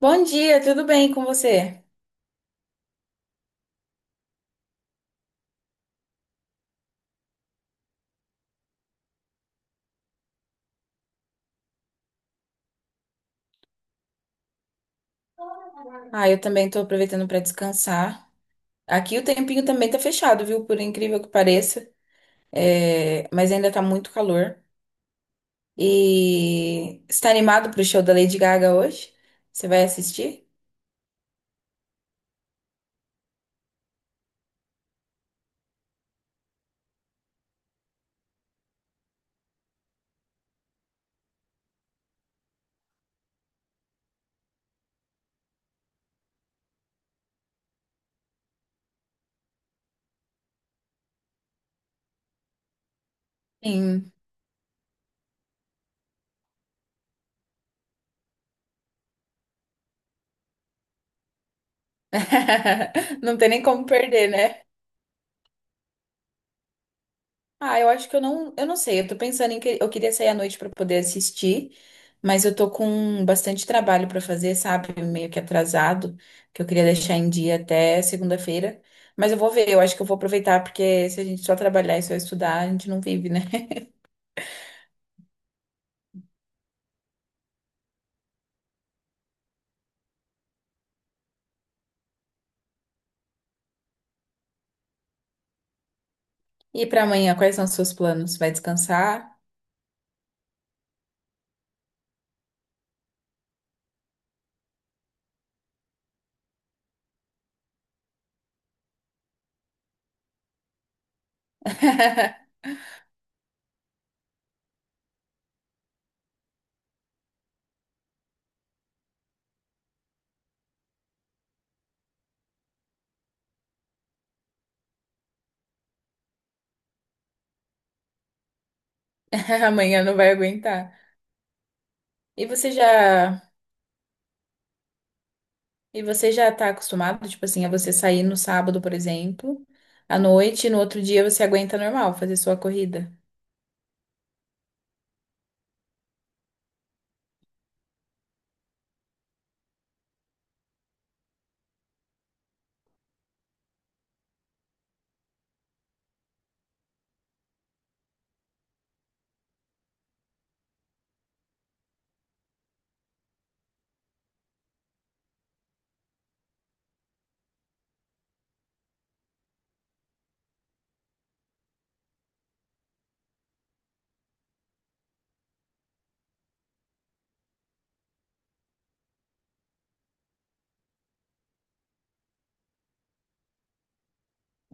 Bom dia, tudo bem com você? Ah, eu também tô aproveitando para descansar. Aqui o tempinho também tá fechado, viu? Por incrível que pareça. É, mas ainda tá muito calor. E você tá animado pro show da Lady Gaga hoje? Você vai assistir? Sim. Não tem nem como perder, né? Ah, eu acho que eu não sei. Eu tô pensando em que eu queria sair à noite pra poder assistir, mas eu tô com bastante trabalho pra fazer, sabe? Meio que atrasado, que eu queria deixar em dia até segunda-feira. Mas eu vou ver, eu acho que eu vou aproveitar, porque se a gente só trabalhar e só estudar, a gente não vive, né? E pra amanhã, quais são os seus planos? Vai descansar? Amanhã não vai aguentar. E você já, e você já tá acostumado, tipo assim, a você sair no sábado, por exemplo, à noite, e no outro dia você aguenta normal fazer sua corrida?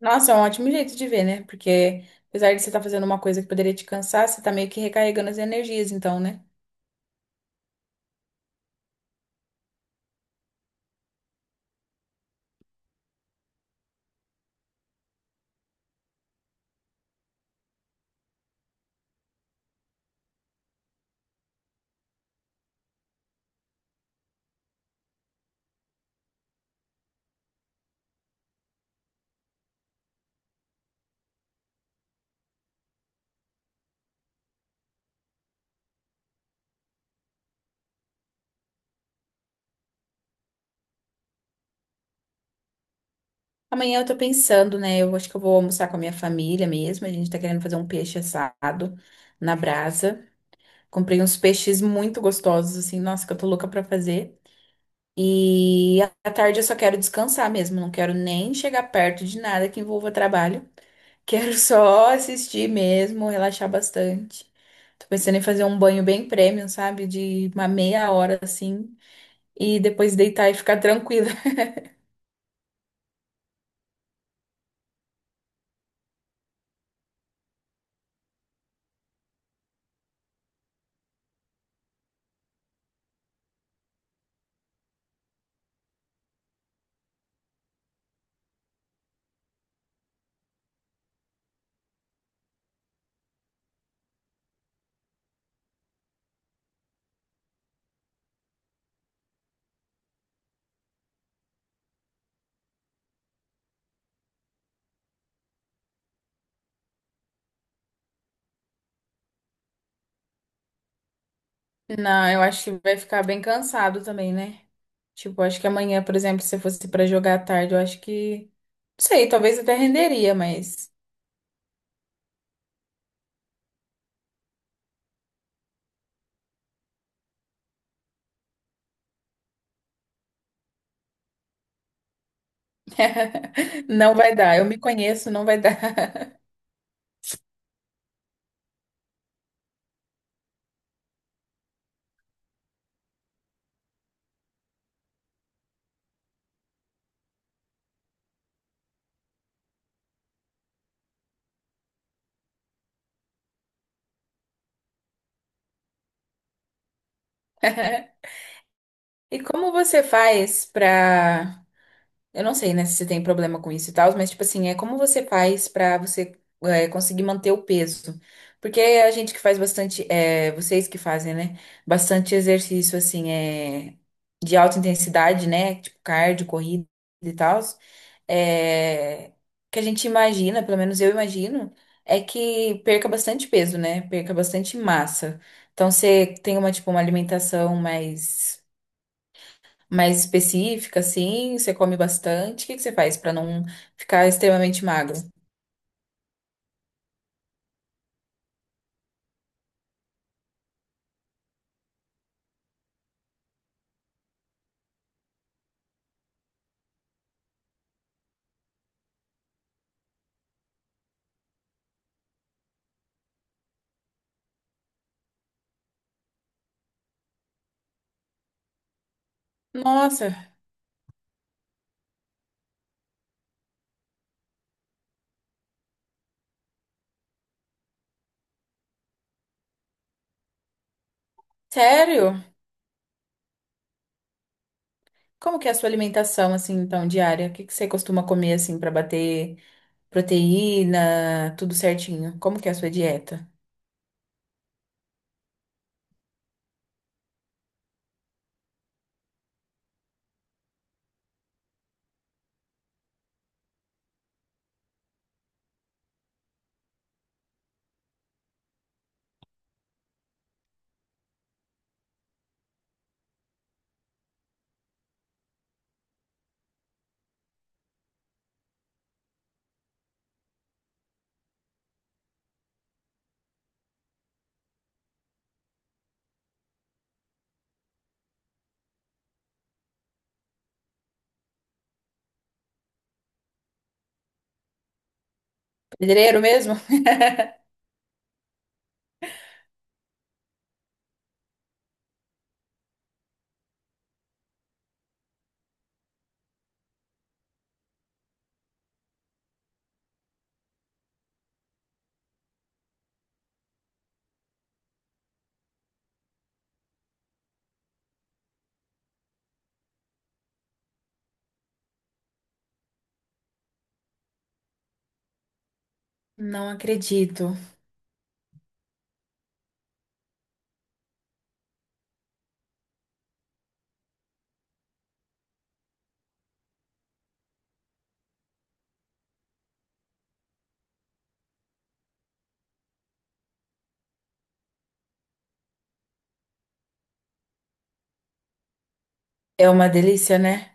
Nossa, é um ótimo jeito de ver, né? Porque apesar de você estar fazendo uma coisa que poderia te cansar, você tá meio que recarregando as energias, então, né? Amanhã eu tô pensando, né? Eu acho que eu vou almoçar com a minha família mesmo. A gente tá querendo fazer um peixe assado na brasa. Comprei uns peixes muito gostosos, assim, nossa, que eu tô louca pra fazer. E à tarde eu só quero descansar mesmo, não quero nem chegar perto de nada que envolva trabalho. Quero só assistir mesmo, relaxar bastante. Tô pensando em fazer um banho bem premium, sabe? De uma meia hora assim. E depois deitar e ficar tranquila. Não, eu acho que vai ficar bem cansado também, né? Tipo, acho que amanhã, por exemplo, se eu fosse pra jogar à tarde, eu acho que. Não sei, talvez até renderia, mas. Não vai dar. Eu me conheço, não vai dar. E como você faz pra eu não sei, né, se você tem problema com isso e tal, mas, tipo assim, é como você faz pra você é, conseguir manter o peso. Porque a gente que faz bastante, é, vocês que fazem, né, bastante exercício, assim, é, de alta intensidade, né, tipo cardio, corrida e tal, é, que a gente imagina, pelo menos eu imagino, é que perca bastante peso, né, perca bastante massa. Então, você tem uma, tipo, uma alimentação mais mais específica, assim? Você come bastante? O que que você faz para não ficar extremamente magro? Nossa, sério? Como que é a sua alimentação, assim, então, diária? O que que você costuma comer, assim, para bater proteína, tudo certinho? Como que é a sua dieta? Pedreiro mesmo? Não acredito. É uma delícia, né?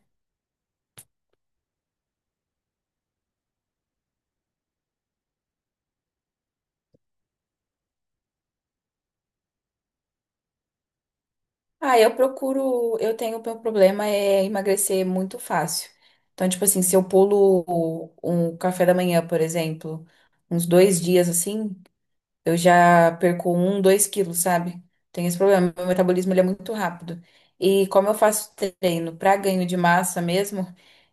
Ah, eu procuro. Eu tenho. O meu problema é emagrecer muito fácil. Então, tipo assim, se eu pulo um café da manhã, por exemplo, uns dois dias assim. Eu já perco um, dois quilos, sabe? Tenho esse problema. Meu metabolismo ele é muito rápido. E como eu faço treino para ganho de massa mesmo,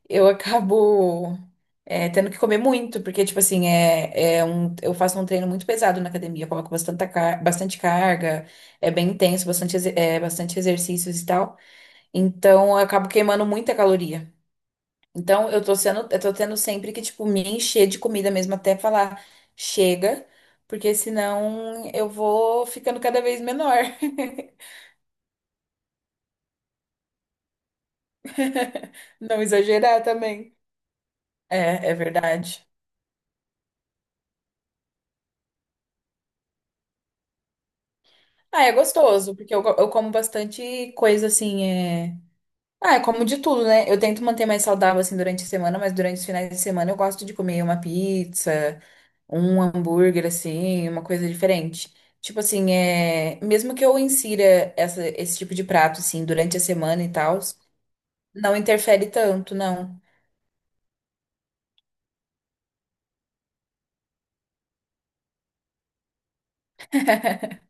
eu acabo é, tendo que comer muito, porque, tipo assim, é, eu faço um treino muito pesado na academia. Eu coloco bastante, car- bastante carga, é bem intenso, bastante, exe- é, bastante exercícios e tal. Então, eu acabo queimando muita caloria. Então, eu tô tendo sempre que, tipo, me encher de comida mesmo até falar chega, porque senão eu vou ficando cada vez menor. Não exagerar também. É, é verdade. Ah, é gostoso, porque eu, go- eu como bastante coisa assim, é... Ah, eu como de tudo, né? Eu tento manter mais saudável, assim, durante a semana, mas durante os finais de semana eu gosto de comer uma pizza, um hambúrguer assim, uma coisa diferente. Tipo assim, é, mesmo que eu insira essa- esse tipo de prato assim durante a semana e tal, não interfere tanto, não.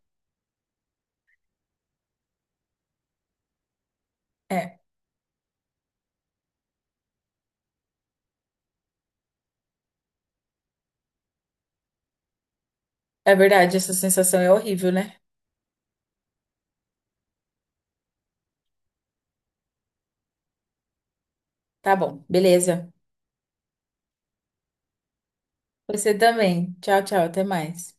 É, é verdade, essa sensação é horrível, né? Tá bom, beleza. Você também. Tchau, tchau, até mais.